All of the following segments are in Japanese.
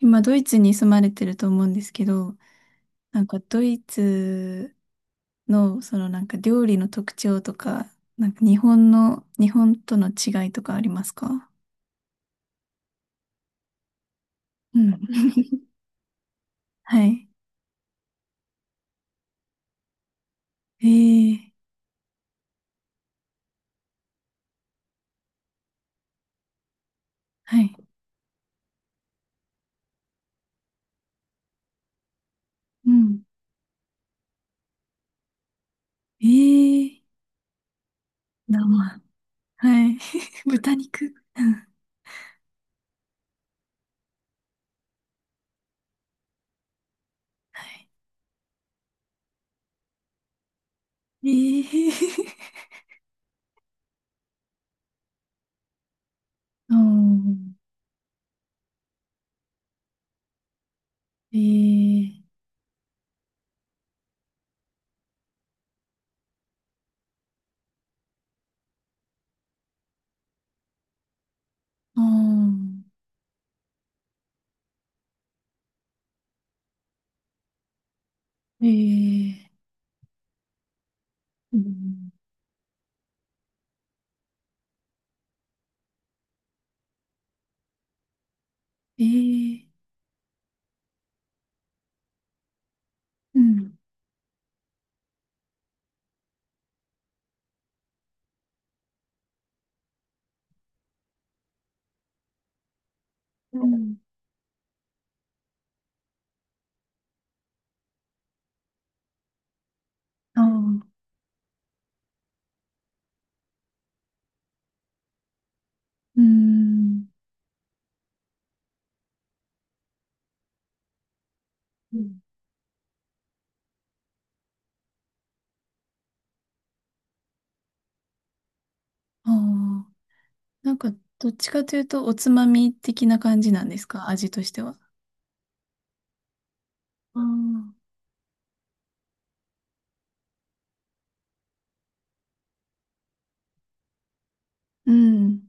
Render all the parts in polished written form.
今、ドイツに住まれてると思うんですけど、なんかドイツのそのなんか料理の特徴とか、なんか日本の、日本との違いとかありますか？うん。はい。ええ。はい。うん。ええ。生。はい。豚肉。うん。はい。ええ。うん。ええ。うん。ええ。うん。ええ。うん。うん。ああ。うん。うん。ああ、なんか、どっちかというと、おつまみ的な感じなんですか？味としては。ああ、うん。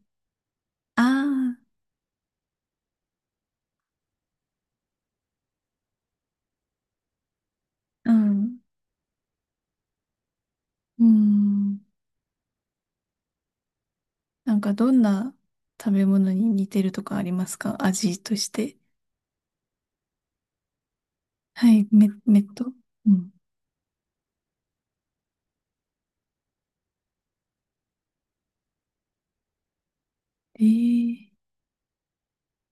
ああ、うん。うん。なんか、どんな食べ物に似てるとかありますか？味として。はい、め、めっと。うん。ええ。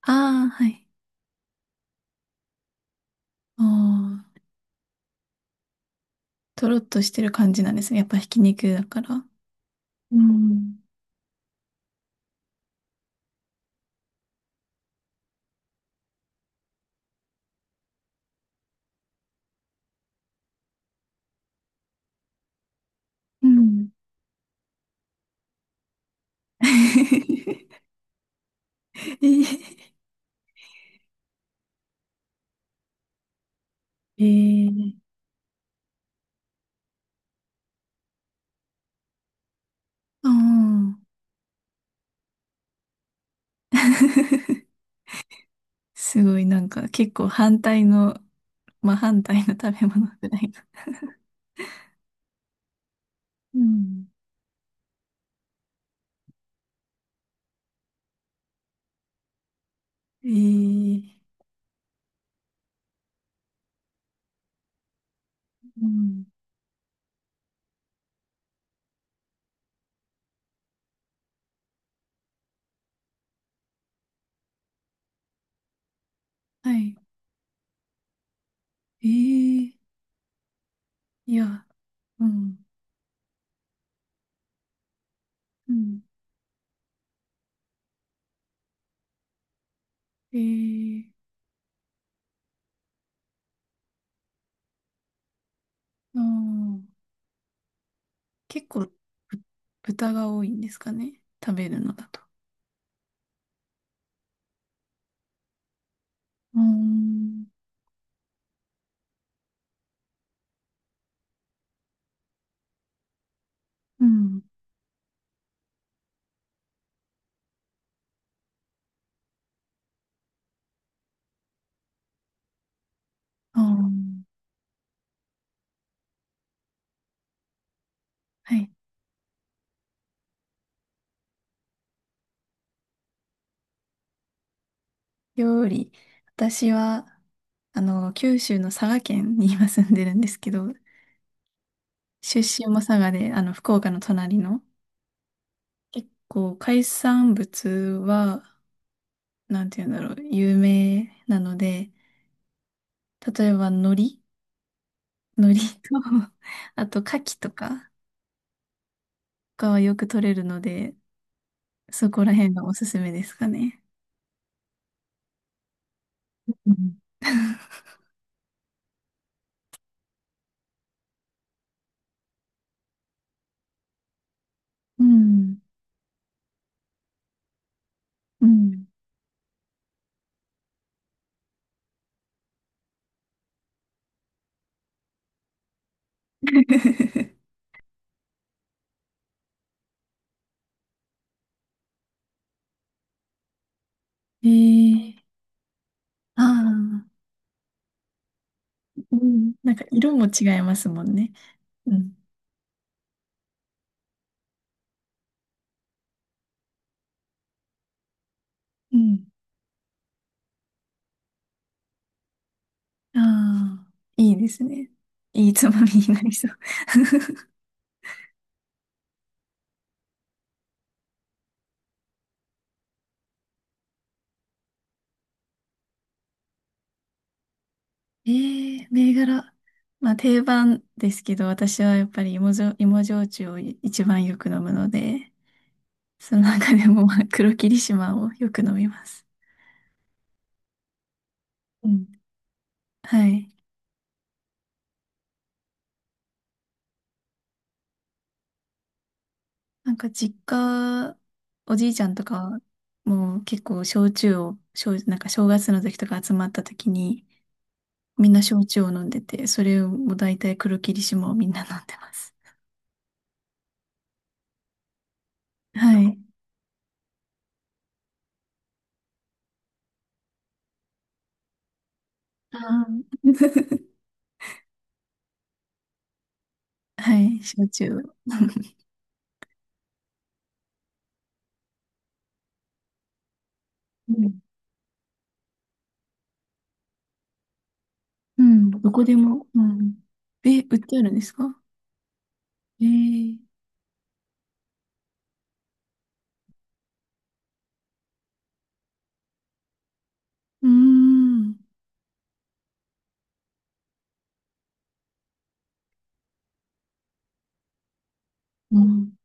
ああ、はい。ああ、とろっとしてる感じなんですね。やっぱひき肉だから。うん。うん。ええ。ええ。ああ。すごいなんか結構反対の、まあ反対の食べ物ぐらいな。うん。ええ。うん。はい。ええ。いや、うん。うん。ええ。ああ、結構、ぶ豚が多いんですかね。食べるのだと。うーん。うん。ああ、はい。料理。私は、あの、九州の佐賀県に今住んでるんですけど、出身も佐賀で、あの、福岡の隣の結構海産物は、なんて言うんだろう、有名なので、例えば海苔、海苔と、あと牡蠣とかがはよく取れるので、そこら辺がおすすめですかね。うん。うん。え。 えー。ああ。うん。なんか色も違いますもんね。うん。うん。ああ、いいですね。いいつまみになりそう。ええ。銘柄。まあ定番ですけど、私はやっぱり芋焼、芋焼酎を一番よく飲むので、その中でもまあ黒霧島をよく飲みます。うん。はい。なんか実家、おじいちゃんとかも結構焼酎を、焼なんか正月の時とか集まった時にみんな焼酎を飲んでて、それをもう大体黒霧島をみんな飲んでます。はい。あー。 はい、焼酎を。うん。うん、どこでも。うん。え、売ってあるんですか？えー、うーん。うん。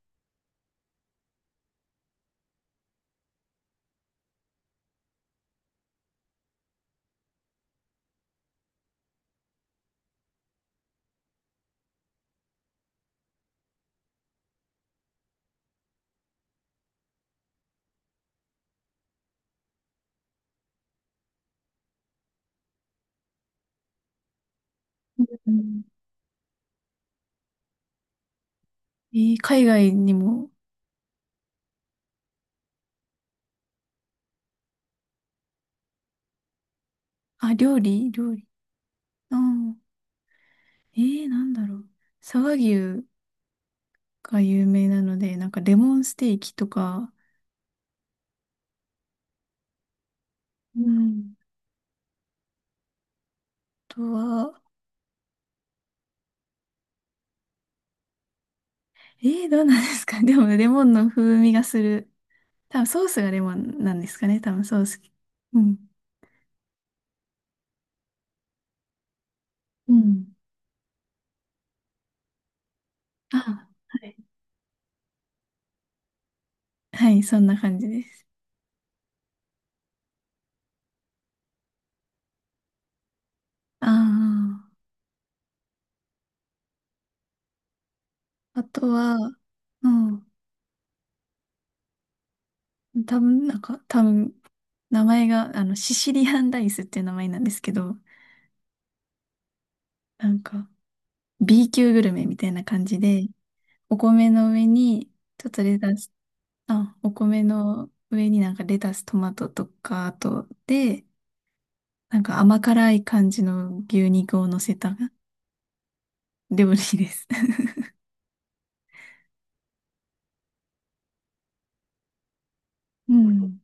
うん。えー、海外にも、あ、料理料理。ああ、えー、なんだろう。佐賀牛が有名なので、なんかレモンステーキとか、うん。あとは、えー、どうなんですか？ でも、レモンの風味がする。多分、ソースがレモンなんですかね？多分、ソース。うん。うん。あ、はい。はい、そんな感じです。ああ。あとは、うん、多分、なんか、多分、名前が、あの、シシリアンライスっていう名前なんですけど、なんか、B 級グルメみたいな感じで、お米の上に、ちょっとレタス、あ、お米の上になんかレタス、トマトとか、あと、で、なんか甘辛い感じの牛肉を乗せた料理です。うん。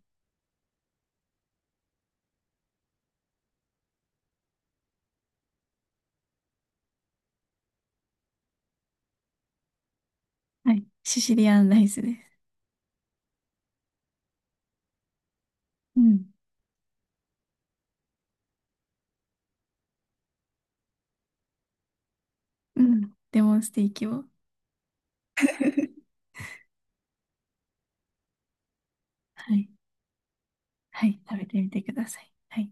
はい。シシリアンライスです。うん。うん。レモンステーキを。はい。はい。食べてみてください。はい。